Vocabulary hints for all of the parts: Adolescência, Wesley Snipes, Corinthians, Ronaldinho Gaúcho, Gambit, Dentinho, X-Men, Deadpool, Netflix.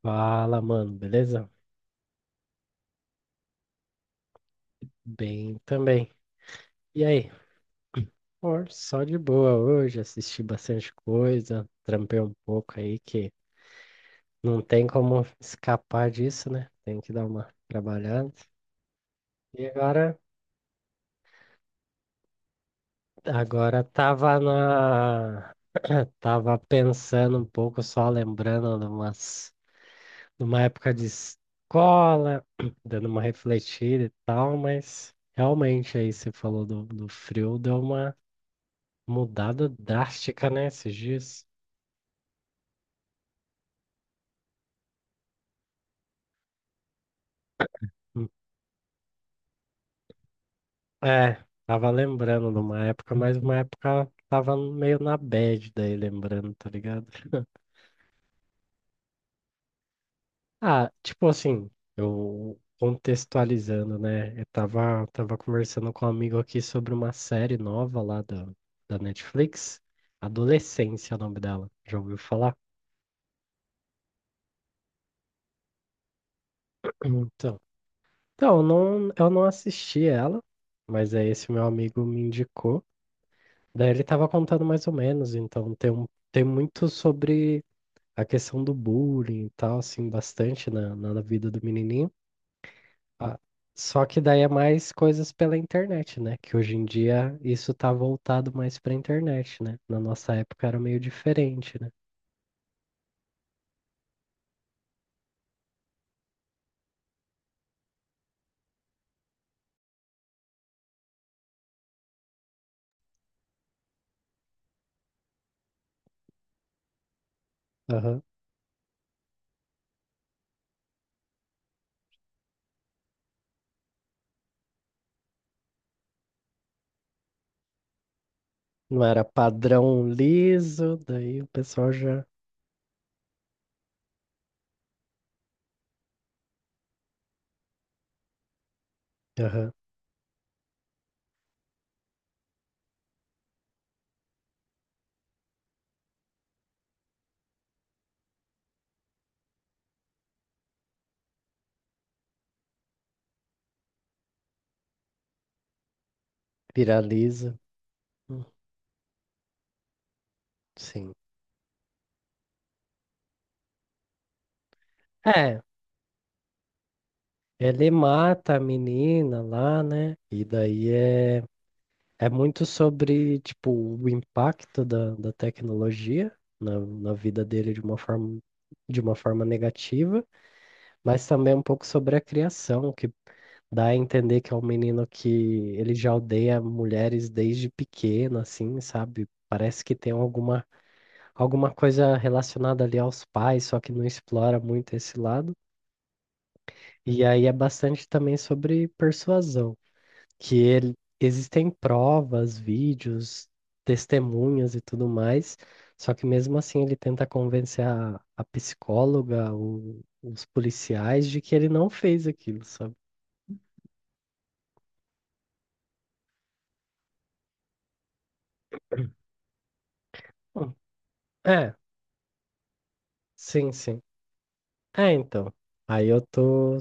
Fala, mano, beleza? Bem também. E aí? Pô, só de boa hoje, assisti bastante coisa, trampei um pouco aí que não tem como escapar disso, né? Tem que dar uma trabalhada. E agora, agora tava na, tava pensando um pouco, só lembrando de umas, de uma época de escola, dando uma refletida e tal, mas realmente aí você falou do frio, deu uma mudada drástica, né, esses dias. Hum. É, tava lembrando de uma época, mas uma época tava meio na bad daí, lembrando, tá ligado? Ah, tipo assim, eu contextualizando, né? Eu tava, tava conversando com um amigo aqui sobre uma série nova lá da Netflix, Adolescência é o nome dela. Já ouviu falar? Então, então eu não assisti ela, mas aí esse meu amigo me indicou. Daí ele estava contando mais ou menos, então tem muito sobre a questão do bullying e tal, assim, bastante na, na vida do menininho. Ah, só que daí é mais coisas pela internet, né? Que hoje em dia isso tá voltado mais pra internet, né? Na nossa época era meio diferente, né? Aham. Não era padrão liso, daí o pessoal já aham, viraliza. Hum, Sim. É, ele mata a menina lá, né? E daí é. É muito sobre, tipo, o impacto da tecnologia na, na vida dele de uma forma negativa, mas também um pouco sobre a criação, que dá a entender que é um menino que ele já odeia mulheres desde pequeno, assim, sabe? Parece que tem alguma, alguma coisa relacionada ali aos pais, só que não explora muito esse lado. E aí é bastante também sobre persuasão que ele, existem provas, vídeos, testemunhas e tudo mais, só que mesmo assim ele tenta convencer a psicóloga, os policiais de que ele não fez aquilo, sabe? Hum, É, sim, sim. É, então. Aí eu tô,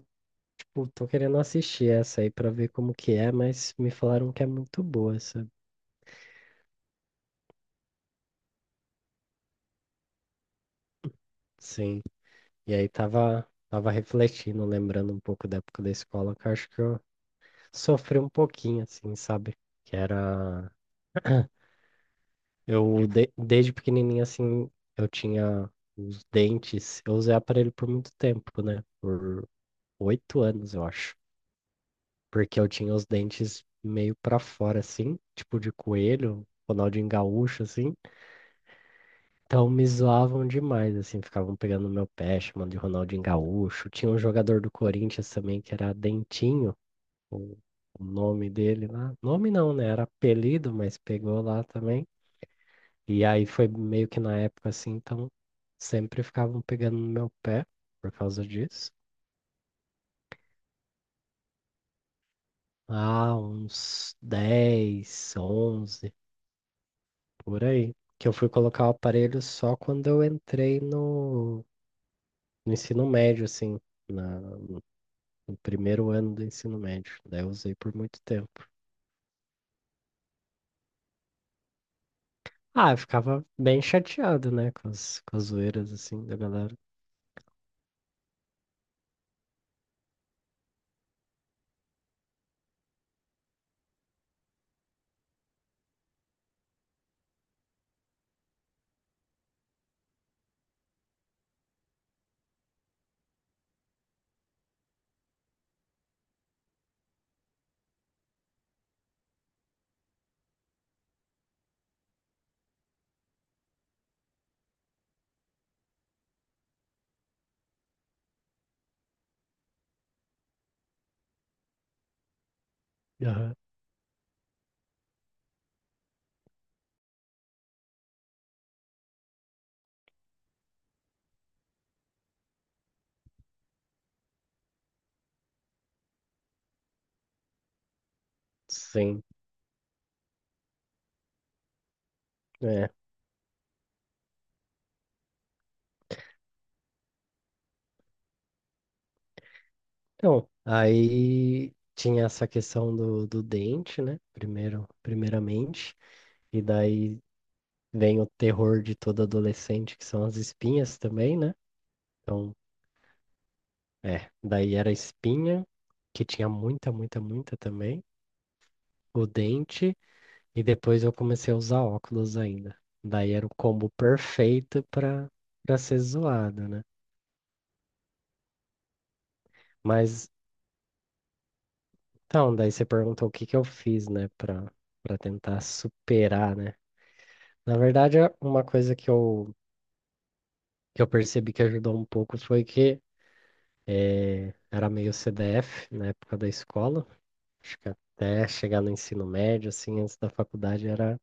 tipo, tô querendo assistir essa aí pra ver como que é, mas me falaram que é muito boa essa. Sim. E aí tava, tava refletindo, lembrando um pouco da época da escola, que eu acho que eu sofri um pouquinho, assim, sabe? Que era. Eu, desde pequenininho, assim, eu tinha os dentes. Eu usei aparelho por muito tempo, né? Por 8 anos, eu acho. Porque eu tinha os dentes meio pra fora, assim, tipo de coelho, Ronaldinho Gaúcho, assim. Então me zoavam demais, assim, ficavam pegando no meu pé, chamando de Ronaldinho Gaúcho. Tinha um jogador do Corinthians também que era Dentinho. o o nome dele lá. Nome não, né? Era apelido, mas pegou lá também. E aí foi meio que na época assim, então sempre ficavam pegando no meu pé por causa disso. Ah, uns 10 11 por aí. Que eu fui colocar o aparelho só quando eu entrei no, no ensino médio, assim, na, no primeiro ano do ensino médio. Daí eu usei por muito tempo. Ah, eu ficava bem chateado, né, com as zoeiras, assim, da galera. Aham. Sim, é. Então, aí tinha essa questão do dente, né? Primeiro, primeiramente, e daí vem o terror de todo adolescente, que são as espinhas também, né? Então, é, daí era a espinha, que tinha muita, muita, muita também, o dente, e depois eu comecei a usar óculos ainda. Daí era o combo perfeito para para ser zoado, né? Mas, então, daí você perguntou o que que eu fiz, né, para para tentar superar, né? Na verdade, uma coisa que eu percebi que ajudou um pouco foi que era meio CDF na época da escola. Acho que até chegar no ensino médio, assim, antes da faculdade, era,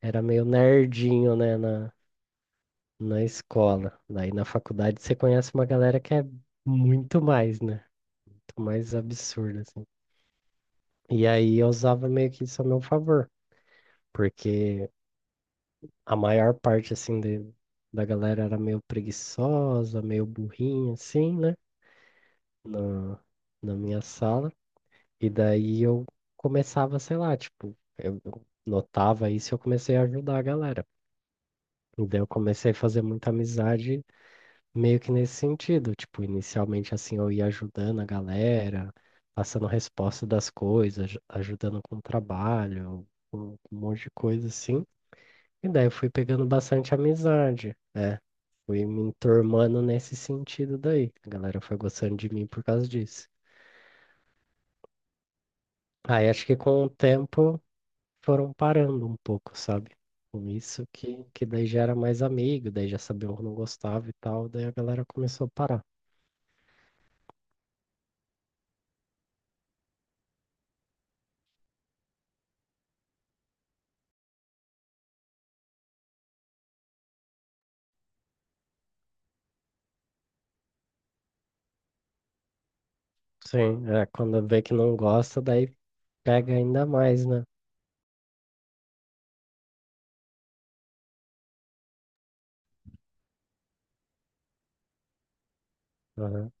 era meio nerdinho, né, na, na escola. Daí na faculdade você conhece uma galera que é muito mais, né? Muito mais absurda, assim. E aí eu usava meio que isso a meu favor, porque a maior parte, assim, de, da galera era meio preguiçosa, meio burrinha, assim, né? na, na minha sala, e daí eu começava, sei lá, tipo, eu notava isso e eu comecei a ajudar a galera. E daí eu comecei a fazer muita amizade meio que nesse sentido, tipo, inicialmente assim eu ia ajudando a galera, passando resposta das coisas, ajudando com o trabalho, com um monte de coisa assim. E daí eu fui pegando bastante amizade, é, fui me enturmando nesse sentido daí. A galera foi gostando de mim por causa disso. Aí acho que com o tempo foram parando um pouco, sabe? Com isso que daí já era mais amigo, daí já sabia o que não gostava e tal, daí a galera começou a parar. Sim, é, quando vê que não gosta, daí pega ainda mais, né? Aham,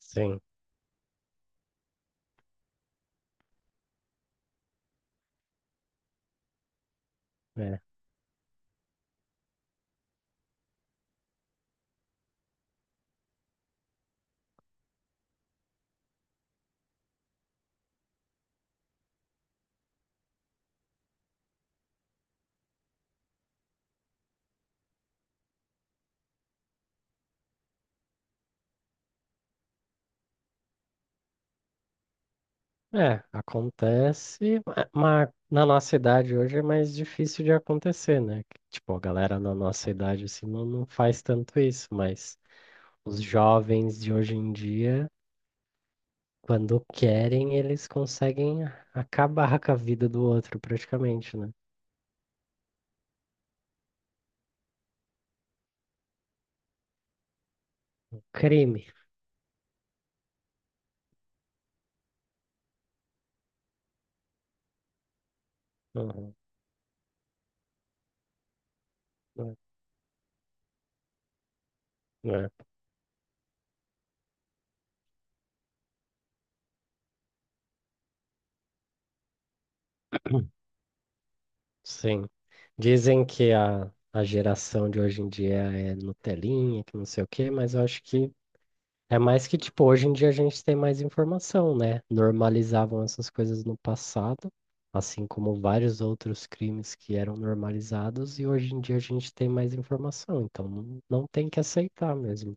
sim, é. É, acontece, mas na nossa idade hoje é mais difícil de acontecer, né? Que, tipo, a galera na nossa idade assim não, não faz tanto isso, mas os jovens de hoje em dia quando querem, eles conseguem acabar com a vida do outro, praticamente, né? Crime. Uhum. É, é, sim. Dizem que a geração de hoje em dia é Nutelinha, que não sei o quê, mas eu acho que é mais que, tipo, hoje em dia a gente tem mais informação, né? Normalizavam essas coisas no passado, assim como vários outros crimes que eram normalizados, e hoje em dia a gente tem mais informação, então não, não tem que aceitar mesmo.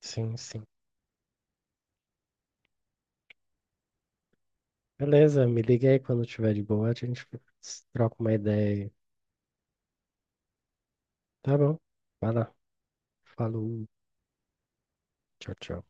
Sim, sim. Beleza, me liga aí quando tiver de boa, a gente troca uma ideia aí. Tá bom, vai lá. Falou, tchau, tchau.